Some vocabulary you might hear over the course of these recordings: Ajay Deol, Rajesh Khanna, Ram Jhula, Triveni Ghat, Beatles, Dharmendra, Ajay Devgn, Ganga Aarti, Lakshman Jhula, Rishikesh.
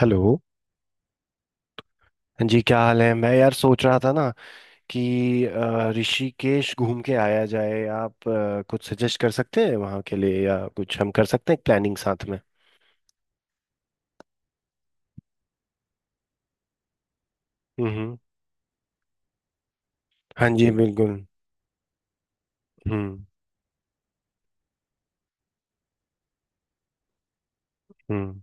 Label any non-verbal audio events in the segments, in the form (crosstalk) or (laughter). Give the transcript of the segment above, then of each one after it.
Hello जी, क्या हाल है। मैं यार सोच रहा था ना कि ऋषिकेश घूम के आया जाए। आप कुछ सजेस्ट कर सकते हैं वहाँ के लिए, या कुछ हम कर सकते हैं प्लानिंग साथ में। हम्म। हाँ जी बिल्कुल। हम्म। हम्म।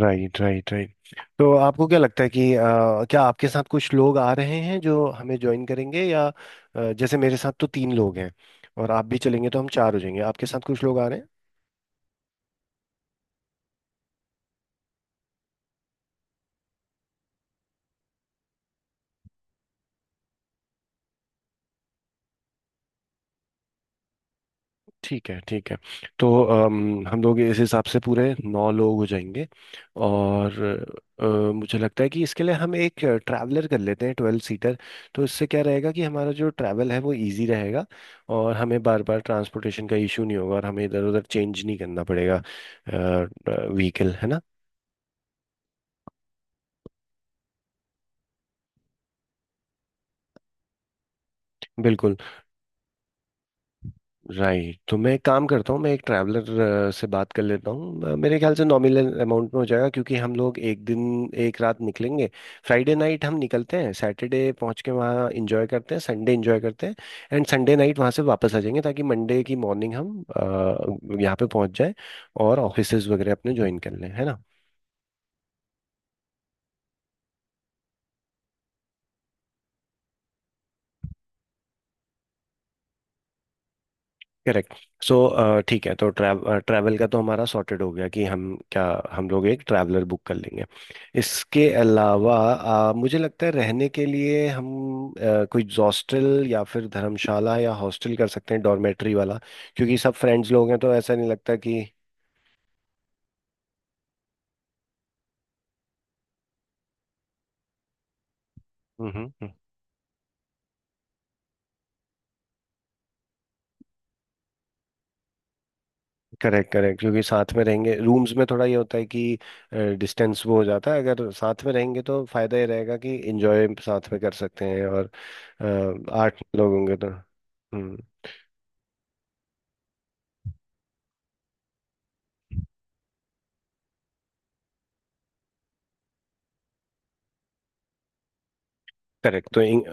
Right right right. तो आपको क्या लगता है कि क्या आपके साथ कुछ लोग आ रहे हैं जो हमें ज्वाइन करेंगे, या जैसे मेरे साथ तो तीन लोग हैं और आप भी चलेंगे तो हम चार हो जाएंगे। आपके साथ कुछ लोग आ रहे हैं? ठीक है ठीक है। तो हम लोग इस हिसाब से पूरे नौ लोग हो जाएंगे। और अ, मुझे लगता है कि इसके लिए हम एक ट्रैवलर कर लेते हैं, 12 सीटर। तो इससे क्या रहेगा कि हमारा जो ट्रैवल है वो इजी रहेगा, और हमें बार बार ट्रांसपोर्टेशन का इशू नहीं होगा, और हमें इधर उधर चेंज नहीं करना पड़ेगा व्हीकल। है ना। बिल्कुल। राइट। तो मैं एक काम करता हूँ, मैं एक ट्रैवलर से बात कर लेता हूँ। मेरे ख्याल से नॉमिनल अमाउंट में हो जाएगा क्योंकि हम लोग एक दिन एक रात निकलेंगे। फ्राइडे नाइट हम निकलते हैं, सैटरडे पहुँच के वहाँ इंजॉय करते हैं, संडे इंजॉय करते हैं, एंड संडे नाइट वहाँ से वापस आ जाएंगे ताकि मंडे की मॉर्निंग हम यहाँ पे पहुँच जाए और ऑफिसेज वगैरह अपने ज्वाइन कर लें। है ना। करेक्ट। सो ठीक है। तो ट्रैवल का तो हमारा सॉर्टेड हो गया कि हम क्या, हम लोग एक ट्रैवलर बुक कर लेंगे। इसके अलावा मुझे लगता है रहने के लिए हम कोई हॉस्टल या फिर धर्मशाला, या हॉस्टल कर सकते हैं डॉर्मेट्री वाला, क्योंकि सब फ्रेंड्स लोग हैं तो ऐसा नहीं लगता कि। हम्म। करेक्ट करेक्ट, क्योंकि साथ में रहेंगे, रूम्स में थोड़ा ये होता है कि डिस्टेंस वो हो जाता है। अगर साथ में रहेंगे तो फायदा ये रहेगा कि एंजॉय साथ में कर सकते हैं, और अ, आठ लोग होंगे तो हम्म। करेक्ट। तो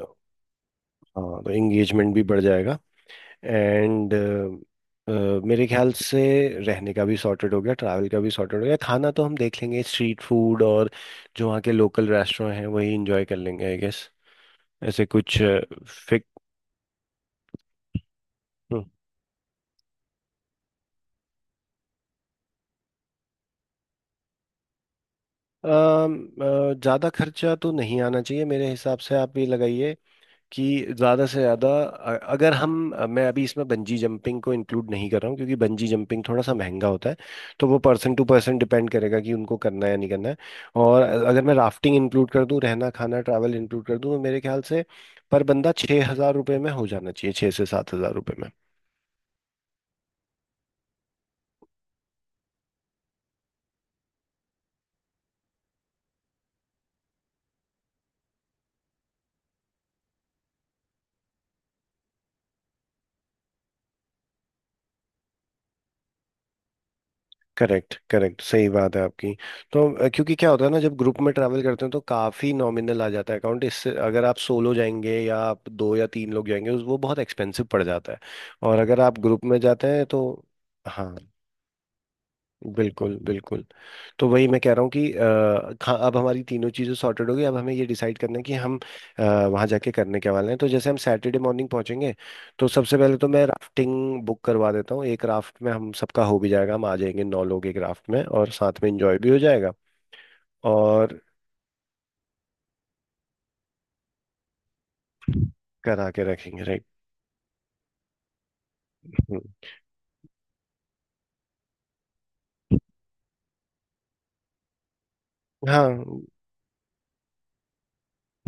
हाँ, तो एंगेजमेंट भी बढ़ जाएगा। एंड मेरे ख्याल से रहने का भी सॉर्टेड हो गया, ट्रैवल का भी सॉर्टेड हो गया। खाना तो हम देख लेंगे, स्ट्रीट फूड और जो वहाँ के लोकल रेस्टोरेंट हैं वही इंजॉय कर लेंगे आई गेस, ऐसे कुछ। फिक, ज़्यादा खर्चा तो नहीं आना चाहिए मेरे हिसाब से। आप ये लगाइए कि ज़्यादा से ज़्यादा अगर हम मैं अभी इसमें बंजी जंपिंग को इंक्लूड नहीं कर रहा हूँ क्योंकि बंजी जंपिंग थोड़ा सा महंगा होता है। तो वो पर्सन टू पर्सन डिपेंड करेगा कि उनको करना है या नहीं करना है। और अगर मैं राफ्टिंग इंक्लूड कर दूँ, रहना खाना ट्रैवल इंक्लूड कर दूँ, तो मेरे ख्याल से पर बंदा 6,000 रुपये में हो जाना चाहिए, 6,000 से 7,000 रुपये में। करेक्ट करेक्ट, सही बात है आपकी। तो क्योंकि क्या होता है ना, जब ग्रुप में ट्रैवल करते हैं तो काफ़ी नॉमिनल आ जाता है अकाउंट। इससे अगर आप सोलो जाएंगे या आप दो या तीन लोग जाएंगे, उस वो बहुत एक्सपेंसिव पड़ जाता है। और अगर आप ग्रुप में जाते हैं तो। हाँ। बिल्कुल बिल्कुल। तो वही मैं कह रहा हूँ कि अब हमारी तीनों चीज़ें सॉर्टेड हो गई। अब हमें ये डिसाइड करना है कि हम वहाँ जाके करने क्या वाले हैं। तो जैसे हम सैटरडे मॉर्निंग पहुँचेंगे तो सबसे पहले तो मैं राफ्टिंग बुक करवा देता हूँ, एक राफ्ट में हम सबका हो भी जाएगा, हम आ जाएंगे नौ लोग एक राफ्ट में, और साथ में इंजॉय भी हो जाएगा। और करा के रखेंगे, राइट। हाँ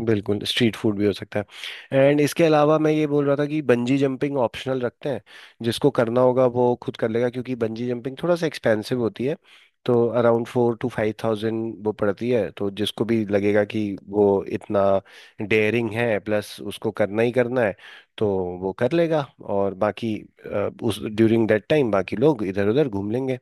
बिल्कुल, स्ट्रीट फूड भी हो सकता है, एंड इसके अलावा मैं ये बोल रहा था कि बंजी जंपिंग ऑप्शनल रखते हैं। जिसको करना होगा वो खुद कर लेगा, क्योंकि बंजी जंपिंग थोड़ा सा एक्सपेंसिव होती है। तो अराउंड 4,000 से 5,000 वो पड़ती है, तो जिसको भी लगेगा कि वो इतना डेयरिंग है प्लस उसको करना ही करना है तो वो कर लेगा। और बाकी उस ड्यूरिंग दैट टाइम बाकी लोग इधर उधर घूम लेंगे।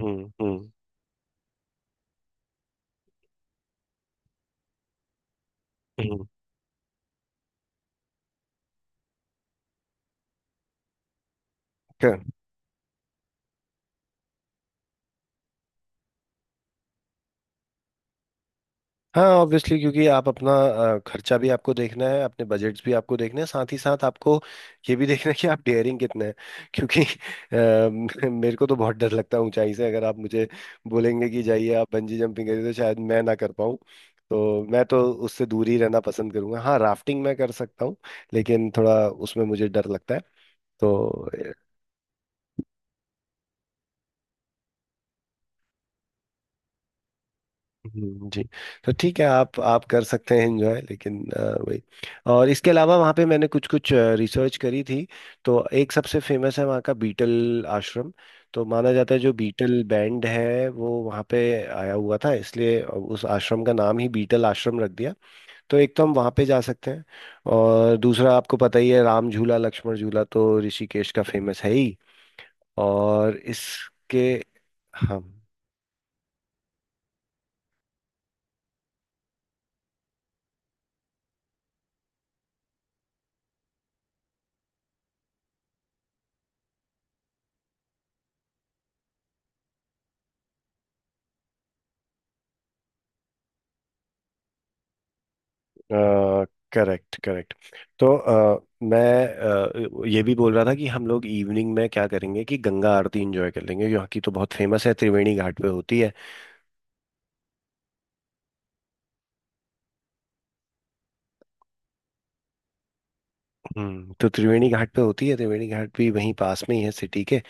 हम्म हम्म हम्म। हाँ ऑब्वियसली, क्योंकि आप अपना खर्चा भी आपको देखना है, अपने बजट्स भी आपको देखने हैं, साथ ही साथ आपको ये भी देखना है कि आप डेयरिंग कितने हैं, क्योंकि (laughs) मेरे को तो बहुत डर लगता है ऊंचाई से। अगर आप मुझे बोलेंगे कि जाइए आप बंजी जंपिंग करिए, तो शायद मैं ना कर पाऊँ। तो मैं तो उससे दूर ही रहना पसंद करूंगा। हाँ राफ्टिंग मैं कर सकता हूँ, लेकिन थोड़ा उसमें मुझे डर लगता है तो। जी। तो ठीक है, आप कर सकते हैं एंजॉय, लेकिन वही। और इसके अलावा वहाँ पे मैंने कुछ कुछ रिसर्च करी थी। तो एक सबसे फेमस है वहाँ का बीटल आश्रम। तो माना जाता है जो बीटल बैंड है वो वहाँ पे आया हुआ था, इसलिए उस आश्रम का नाम ही बीटल आश्रम रख दिया। तो एक तो हम वहाँ पे जा सकते हैं, और दूसरा आपको पता ही है राम झूला लक्ष्मण झूला तो ऋषिकेश का फेमस है ही। और इसके। हाँ। Correct correct. तो मैं ये भी बोल रहा था कि हम लोग इवनिंग में क्या करेंगे कि गंगा आरती एंजॉय कर लेंगे, जो की तो बहुत फेमस है, त्रिवेणी घाट पे होती है। हम्म। तो त्रिवेणी घाट पे होती है, त्रिवेणी घाट भी वहीं पास में ही है सिटी के।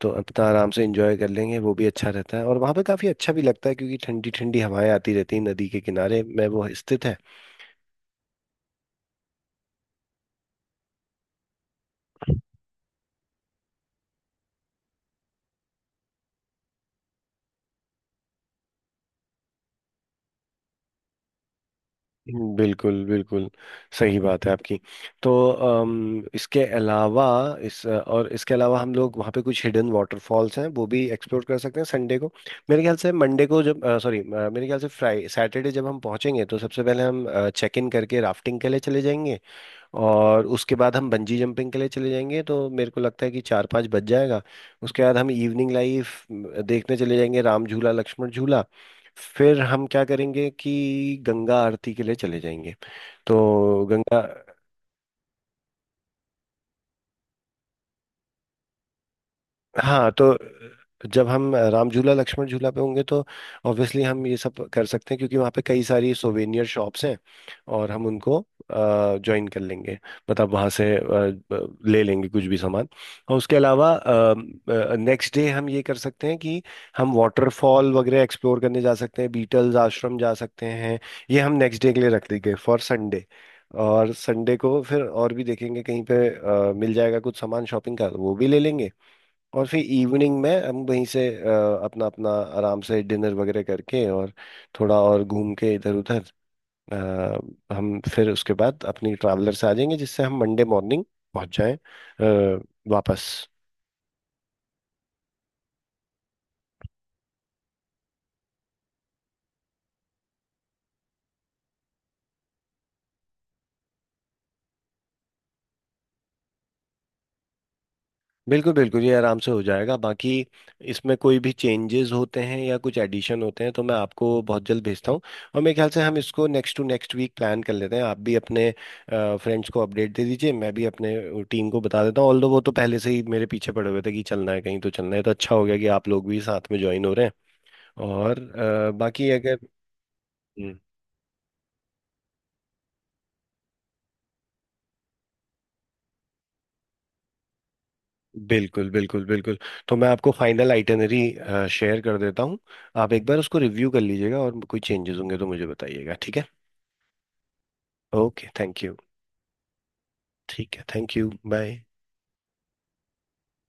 तो अपना आराम से एंजॉय कर लेंगे, वो भी अच्छा रहता है, और वहाँ पे काफ़ी अच्छा भी लगता है क्योंकि ठंडी ठंडी हवाएं आती रहती हैं, नदी के किनारे में वो स्थित है। बिल्कुल बिल्कुल, सही बात है आपकी। तो इसके अलावा इस और इसके अलावा, हम लोग वहाँ पे कुछ हिडन वाटरफॉल्स हैं वो भी एक्सप्लोर कर सकते हैं संडे को। मेरे ख्याल से मंडे को जब सॉरी मेरे ख्याल से फ्राई सैटरडे जब हम पहुँचेंगे तो सबसे पहले हम चेक इन करके राफ्टिंग के लिए चले जाएंगे, और उसके बाद हम बंजी जंपिंग के लिए चले जाएंगे, तो मेरे को लगता है कि चार पाँच बज जाएगा। उसके बाद हम इवनिंग लाइफ देखने चले जाएंगे, राम झूला लक्ष्मण झूला। फिर हम क्या करेंगे कि गंगा आरती के लिए चले जाएंगे। तो गंगा। हाँ। तो जब हम राम झूला लक्ष्मण झूला पे होंगे तो ऑब्वियसली हम ये सब कर सकते हैं क्योंकि वहाँ पे कई सारी सोवेनियर शॉप्स हैं, और हम उनको ज्वाइन कर लेंगे। मतलब वहाँ से ले लेंगे कुछ भी सामान। और उसके अलावा नेक्स्ट डे हम ये कर सकते हैं कि हम वाटरफॉल वगैरह एक्सप्लोर करने जा सकते हैं, बीटल्स आश्रम जा सकते हैं। ये हम नेक्स्ट डे के लिए रख देंगे फॉर संडे। और संडे को फिर और भी देखेंगे कहीं पे मिल जाएगा कुछ सामान शॉपिंग का वो भी ले लेंगे। और फिर इवनिंग में हम वहीं से अपना अपना आराम से डिनर वगैरह करके, और थोड़ा और घूम के इधर उधर हम फिर उसके बाद अपनी ट्रैवलर से आ जाएंगे, जिससे हम मंडे मॉर्निंग पहुंच जाएं अ, वापस। बिल्कुल बिल्कुल, ये आराम से हो जाएगा। बाकी इसमें कोई भी चेंजेस होते हैं या कुछ एडिशन होते हैं तो मैं आपको बहुत जल्द भेजता हूँ। और मेरे ख्याल से हम इसको next to next week plan कर लेते हैं। आप भी अपने फ्रेंड्स को अपडेट दे दीजिए, मैं भी अपने टीम को बता देता हूँ। ऑल्दो वो तो पहले से ही मेरे पीछे पड़े हुए थे कि चलना है कहीं तो चलना है, तो अच्छा हो गया कि आप लोग भी साथ में ज्वाइन हो रहे हैं। और बाकी अगर। हम्म, बिल्कुल बिल्कुल बिल्कुल। तो मैं आपको फाइनल आइटनरी शेयर कर देता हूँ। आप एक बार उसको रिव्यू कर लीजिएगा, और कोई चेंजेस होंगे तो मुझे बताइएगा, ठीक है। Okay thank you. ठीक है, थैंक यू बाय।